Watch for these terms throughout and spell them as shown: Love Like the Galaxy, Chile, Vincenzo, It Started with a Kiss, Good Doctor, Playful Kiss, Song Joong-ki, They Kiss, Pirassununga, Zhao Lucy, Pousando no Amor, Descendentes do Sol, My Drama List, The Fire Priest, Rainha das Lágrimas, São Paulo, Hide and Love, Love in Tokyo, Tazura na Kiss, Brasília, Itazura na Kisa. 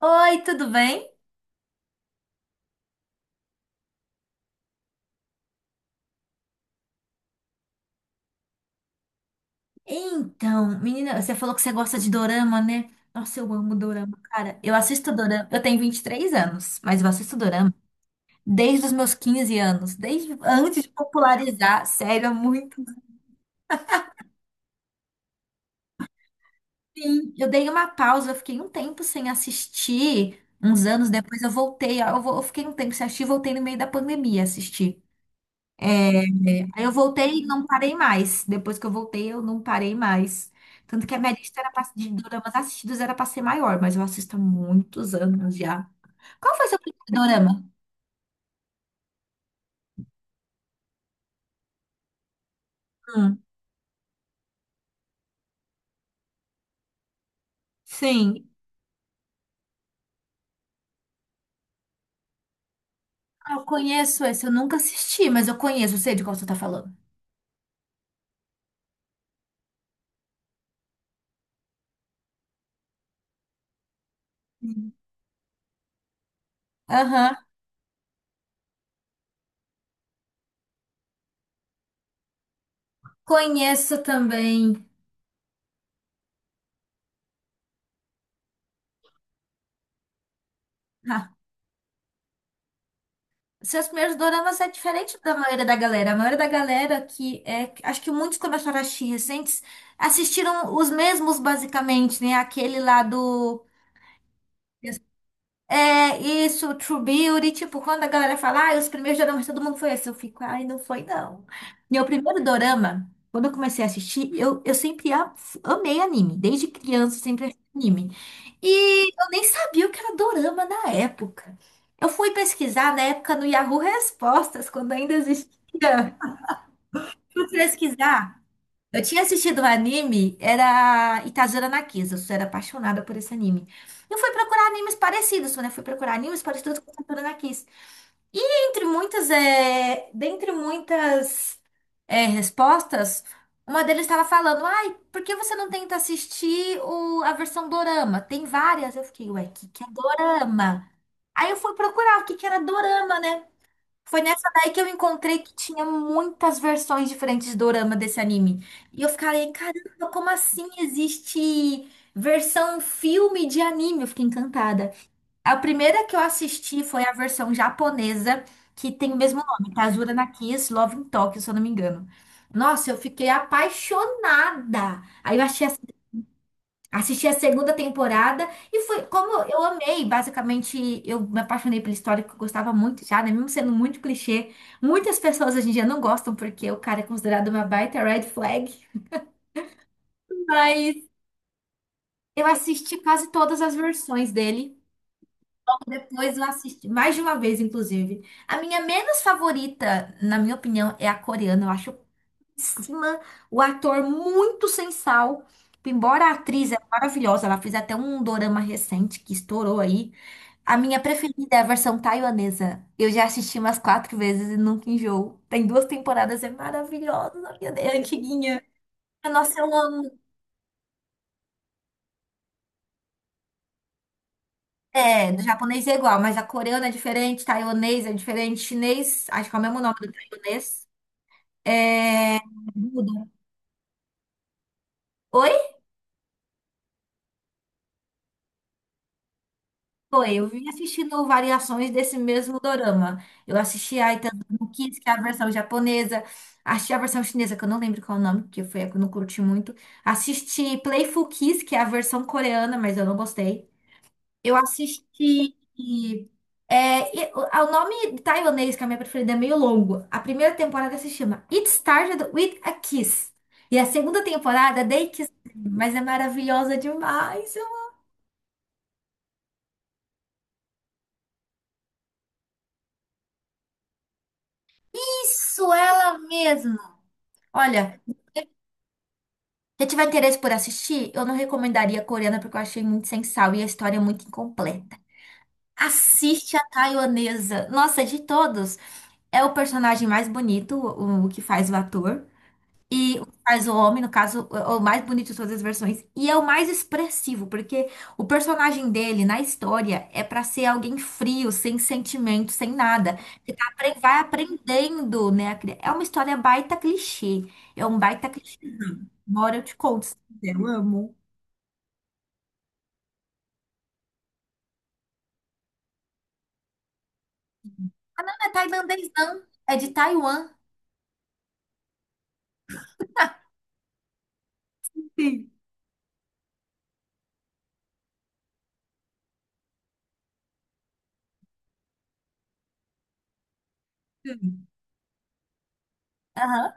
Oi, tudo bem? Então, menina, você falou que você gosta de dorama, né? Nossa, eu amo dorama, cara. Eu assisto dorama. Eu tenho 23 anos, mas eu assisto dorama desde os meus 15 anos, desde antes de popularizar. Sério, é muito. Sim, eu dei uma pausa, eu fiquei um tempo sem assistir. Uns anos depois eu voltei. Eu fiquei um tempo sem assistir, voltei no meio da pandemia a assistir. É, Aí eu voltei e não parei mais. Depois que eu voltei, eu não parei mais. Tanto que a minha lista era pra, de doramas assistidos era pra ser maior, mas eu assisto há muitos anos já. Qual foi seu primeiro dorama? Hum, sim. Ah, eu conheço esse, eu nunca assisti, mas eu conheço, eu sei de qual você tá falando. Sim. Aham. Conheço também. Ah, seus primeiros doramas é diferente da maioria da galera. A maioria da galera que é. Acho que muitos começaram a assistir recentes assistiram os mesmos, basicamente, né? Aquele lá do. É isso, True Beauty, tipo, quando a galera fala, ah, os primeiros doramas, todo mundo foi assim, eu fico, ai, não foi não. Meu primeiro dorama, quando eu comecei a assistir, eu sempre amei anime, desde criança eu sempre assisti anime. E eu nem sabia o que era dorama na época. Eu fui pesquisar na época no Yahoo Respostas, quando ainda existia. Fui pesquisar. Eu tinha assistido um anime, era Itazura na Kisa. Eu era apaixonada por esse anime. Eu fui procurar animes parecidos, né? Fui procurar animes parecidos com Itazura na Kisa. E entre muitas, dentre muitas respostas, uma deles estava falando, ai, por que você não tenta assistir a versão dorama? Tem várias. Eu fiquei, ué, o que que é dorama? Aí eu fui procurar o que que era dorama, né? Foi nessa daí que eu encontrei que tinha muitas versões diferentes de dorama desse anime. E eu fiquei, caramba, como assim existe versão filme de anime? Eu fiquei encantada. A primeira que eu assisti foi a versão japonesa, que tem o mesmo nome, Tazura na Kiss, Love in Tokyo, se eu não me engano. Nossa, eu fiquei apaixonada. Aí eu achei. Assisti a segunda temporada e foi como eu amei, basicamente, eu me apaixonei pela história que eu gostava muito já, né? Mesmo sendo muito clichê. Muitas pessoas hoje em dia não gostam porque o cara é considerado uma baita red flag. Mas eu assisti quase todas as versões dele. Depois eu assisti mais de uma vez, inclusive. A minha menos favorita, na minha opinião, é a coreana. Eu acho cima, o ator muito sem sal. Embora a atriz é maravilhosa, ela fez até um dorama recente que estourou aí. A minha preferida é a versão taiwanesa. Eu já assisti umas quatro vezes e nunca enjoo. Tem duas temporadas, é maravilhosa, a minha é antiguinha. Nossa, eu amo. É, do japonês é igual, mas a coreana é diferente, taiwanês é diferente, chinês, acho que é o mesmo nome do taiwanês. É, muda. Foi, eu vim assistindo variações desse mesmo dorama. Eu assisti a Itazuma no Kiss, que é a versão japonesa. Assisti a versão chinesa, que eu não lembro qual é o nome, porque foi a que eu não curti muito. Assisti Playful Kiss, que é a versão coreana, mas eu não gostei. Eu assisti. É, e- o o nome taiwanês, que é a minha preferida, é meio longo. A primeira temporada se chama It Started with a Kiss. E a segunda temporada, é They Kiss, mas é maravilhosa demais. Eu-. Isso, ela mesma. Olha. Se tiver interesse por assistir, eu não recomendaria a coreana porque eu achei muito sem sal e a história é muito incompleta. Assiste a taiwanesa. Nossa, de todos, é o personagem mais bonito, o que faz o ator. E o que faz o homem, no caso, o mais bonito de todas as versões. E é o mais expressivo, porque o personagem dele na história é pra ser alguém frio, sem sentimento, sem nada. Que vai aprendendo, né? É uma história baita clichê. É um baita clichê. Bora, eu te conto se quiser. Eu amo. Ah, não, não é tailandês, não. É de Taiwan. Sim, sim. Aham.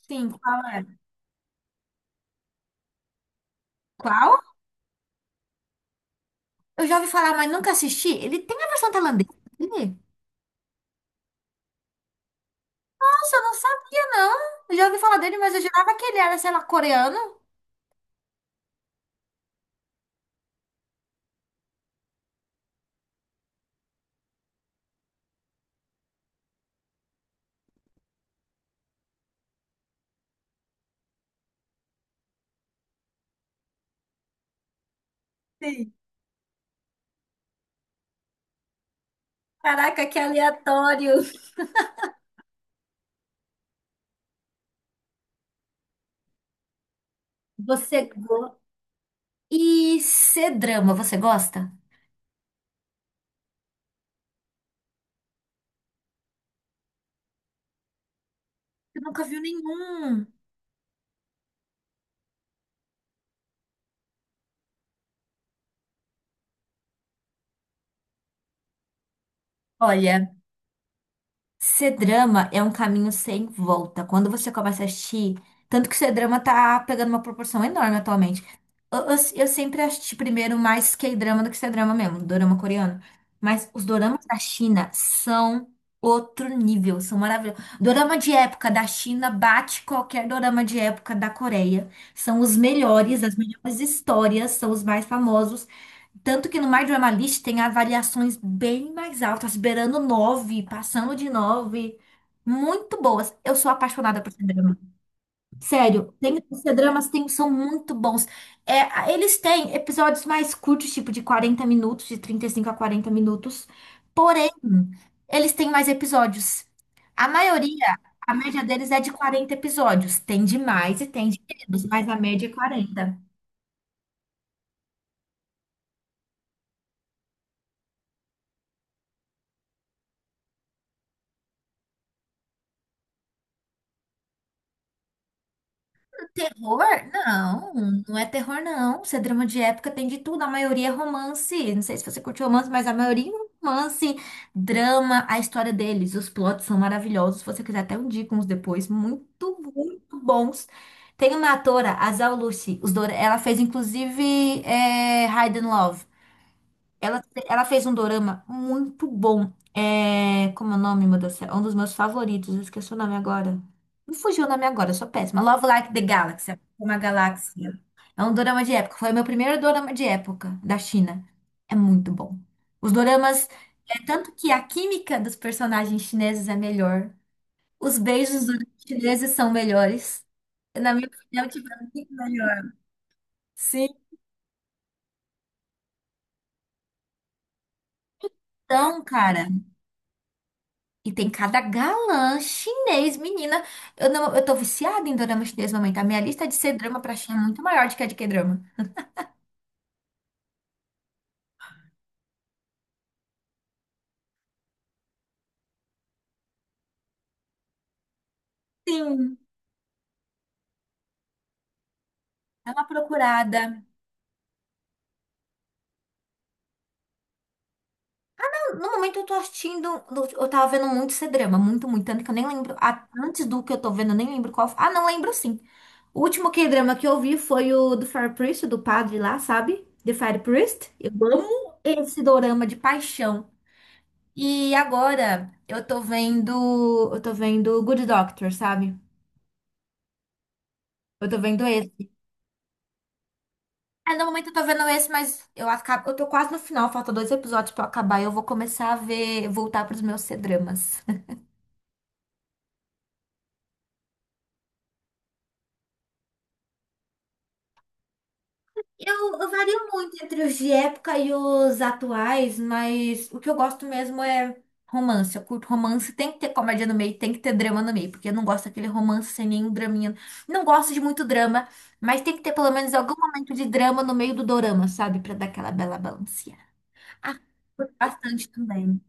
Sim, qual é? Qual? Eu já ouvi falar, mas nunca assisti. Ele tem a versão tailandesa dele? Nossa, eu não sabia, não. Eu já ouvi falar dele, mas eu jurava que ele era, sei lá, coreano. Sim. Caraca, que aleatório. Você go... E C-drama, você gosta? Eu nunca viu nenhum. Olha. C-drama é um caminho sem volta. Quando você começa a assistir, tanto que C-drama tá pegando uma proporção enorme atualmente. Eu sempre assisti primeiro mais K-drama do que C-drama mesmo, dorama coreano. Mas os doramas da China são outro nível, são maravilhosos. Dorama de época da China bate qualquer dorama de época da Coreia. São os melhores, as melhores histórias, são os mais famosos. Tanto que no My Drama List tem avaliações bem mais altas, beirando 9, passando de 9, muito boas. Eu sou apaixonada por C-drama. Sério, tem os dramas tem, são muito bons. Eles têm episódios mais curtos, tipo de 40 minutos, de 35 a 40 minutos. Porém, eles têm mais episódios. A maioria, a média deles é de 40 episódios. Tem de mais e tem de menos, mas a média é 40. Terror? Não, não é terror, não. Isso é drama de época, tem de tudo. A maioria é romance. Não sei se você curte romance, mas a maioria é romance, drama, a história deles. Os plots são maravilhosos. Se você quiser, até eu indico uns depois. Muito, muito bons. Tem uma atora, a Zhao Lucy. Os Dora- Ela fez, inclusive, Hide and Love. Ela, ela fez um dorama muito bom. É, como é o nome, meu Deus do céu? É um dos meus favoritos. Eu esqueci o nome agora. Não fugiu o nome agora, eu sou péssima. Love Like the Galaxy, é uma galáxia. É um dorama de época. Foi o meu primeiro dorama de época da China. É muito bom. Os doramas, é tanto que a química dos personagens chineses é melhor. Os beijos dos chineses são melhores. Na minha opinião, tiveram muito melhor. Sim, então, cara. E tem cada galã chinês, menina. Eu não, eu tô viciada em dorama chinês no momento. A minha lista de C-drama pra China é muito maior do que a de K-drama. Sim, é uma procurada. No momento eu tô assistindo, eu tava vendo muito C-drama, muito, muito, tanto que eu nem lembro, antes do que eu tô vendo, eu nem lembro qual. Ah, não lembro sim. O último K-drama que eu vi foi o do Fire Priest, do padre lá, sabe? The Fire Priest. Eu amo esse dorama de paixão. E agora eu tô vendo Good Doctor, sabe? Eu tô vendo esse. É, no momento eu tô vendo esse, mas eu acabo, eu tô quase no final, falta dois episódios pra eu acabar e eu vou começar a ver, voltar pros meus C-dramas. Eu vario muito entre os de época e os atuais, mas o que eu gosto mesmo é romance. Eu curto romance, tem que ter comédia no meio, tem que ter drama no meio, porque eu não gosto daquele romance sem nenhum draminha. Não gosto de muito drama, mas tem que ter pelo menos algum momento de drama no meio do dorama, sabe? Pra dar aquela bela balanceada. Ah, curto bastante também.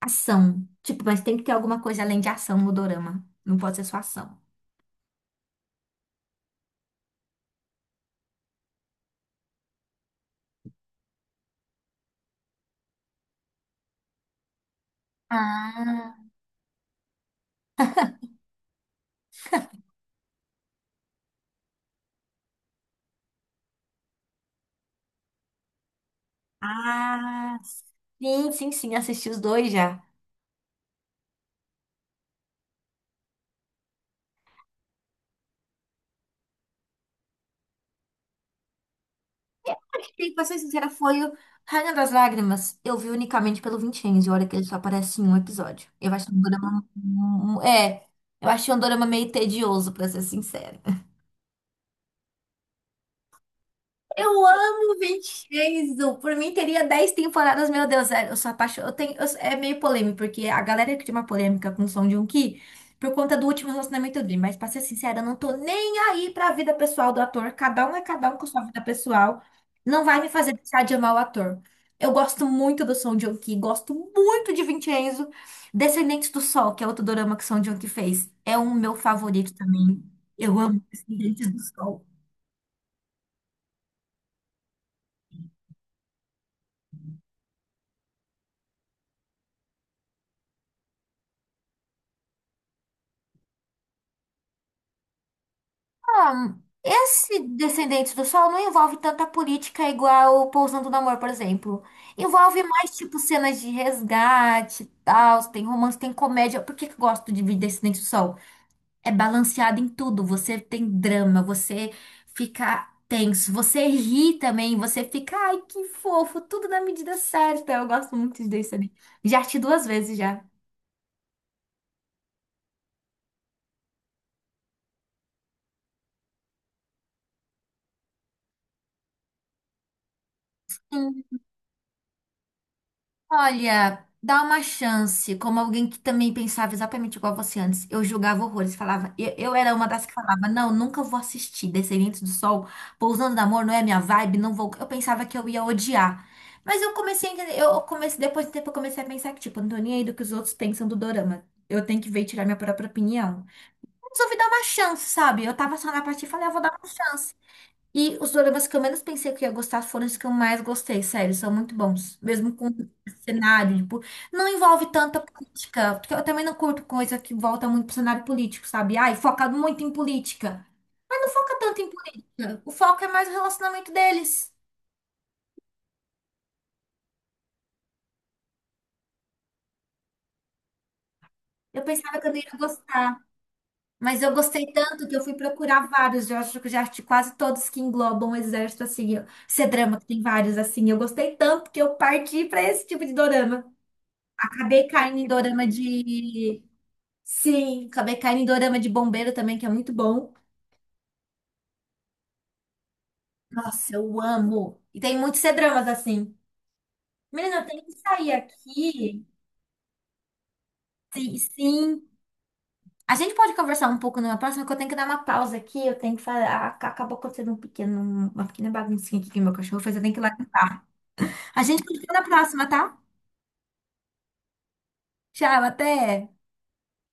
Ação. Tipo, mas tem que ter alguma coisa além de ação no dorama. Não pode ser só ação. Ah, ah, sim, sim, sim, assisti os dois já. E pra ser sincera, foi o Rainha das Lágrimas. Eu vi unicamente pelo Vincenzo, olha que ele só aparece em um episódio. Eu achei um dorama. É, eu achei um dorama meio tedioso, pra ser sincera. Eu amo 26. Por mim teria 10 temporadas, meu Deus, é, eu sou apaixonada. Eu tenho, é meio polêmico, porque a galera cria uma polêmica com o Song Joong-ki por conta do último relacionamento dele. Mas, pra ser sincera, eu não tô nem aí pra vida pessoal do ator. Cada um é cada um com sua vida pessoal. Não vai me fazer deixar de amar o ator. Eu gosto muito do Song Joong-ki, gosto muito de Vincenzo. Descendentes do Sol, que é outro dorama que o Song Joong-ki fez, é um meu favorito também. Eu amo Descendentes do Sol. Ah, esse Descendentes do Sol não envolve tanta política igual o Pousando no Amor, por exemplo. Envolve mais, tipo, cenas de resgate, e tal, tem romance, tem comédia. Por que que eu gosto de Descendentes do Sol? É balanceado em tudo. Você tem drama, você fica tenso, você ri também, você fica, ai, que fofo, tudo na medida certa. Eu gosto muito de Descendentes. Já assisti duas vezes já. Olha, dá uma chance, como alguém que também pensava exatamente igual você antes. Eu julgava horrores, falava, eu, era uma das que falava, não, nunca vou assistir Descendentes do Sol, Pousando no Amor, não é minha vibe, não vou. Eu pensava que eu ia odiar. Mas eu comecei a entender, eu comecei, depois de um tempo eu comecei a pensar que, tipo, eu não tô nem aí do que os outros pensam do dorama. Eu tenho que ver e tirar minha própria opinião. Resolvi dar uma chance, sabe? Eu tava só na parte e falei, eu vou dar uma chance. E os doramas que eu menos pensei que eu ia gostar foram os que eu mais gostei, sério, são muito bons. Mesmo com cenário, tipo, não envolve tanta política, porque eu também não curto coisa que volta muito pro cenário político, sabe? Ai, foca muito em política. Mas não foca tanto em política. O foco é mais o relacionamento deles. Eu pensava que eu não ia gostar. Mas eu gostei tanto que eu fui procurar vários. Eu acho que eu já assisti quase todos que englobam o exército, assim. Esse drama que tem vários, assim. Eu gostei tanto que eu parti pra esse tipo de dorama. Acabei caindo em dorama de. Sim, acabei caindo em dorama de bombeiro também, que é muito bom. Nossa, eu amo. E tem muitos C-dramas assim. Menina, eu tenho que sair aqui. Sim, sim. A gente pode conversar um pouco numa próxima, que eu tenho que dar uma pausa aqui. Eu tenho que fazer. Acabou acontecendo um pequeno, uma pequena baguncinha aqui que meu cachorro fez. Eu tenho que ir lá limpar. A gente continua na próxima, tá? Tchau, até.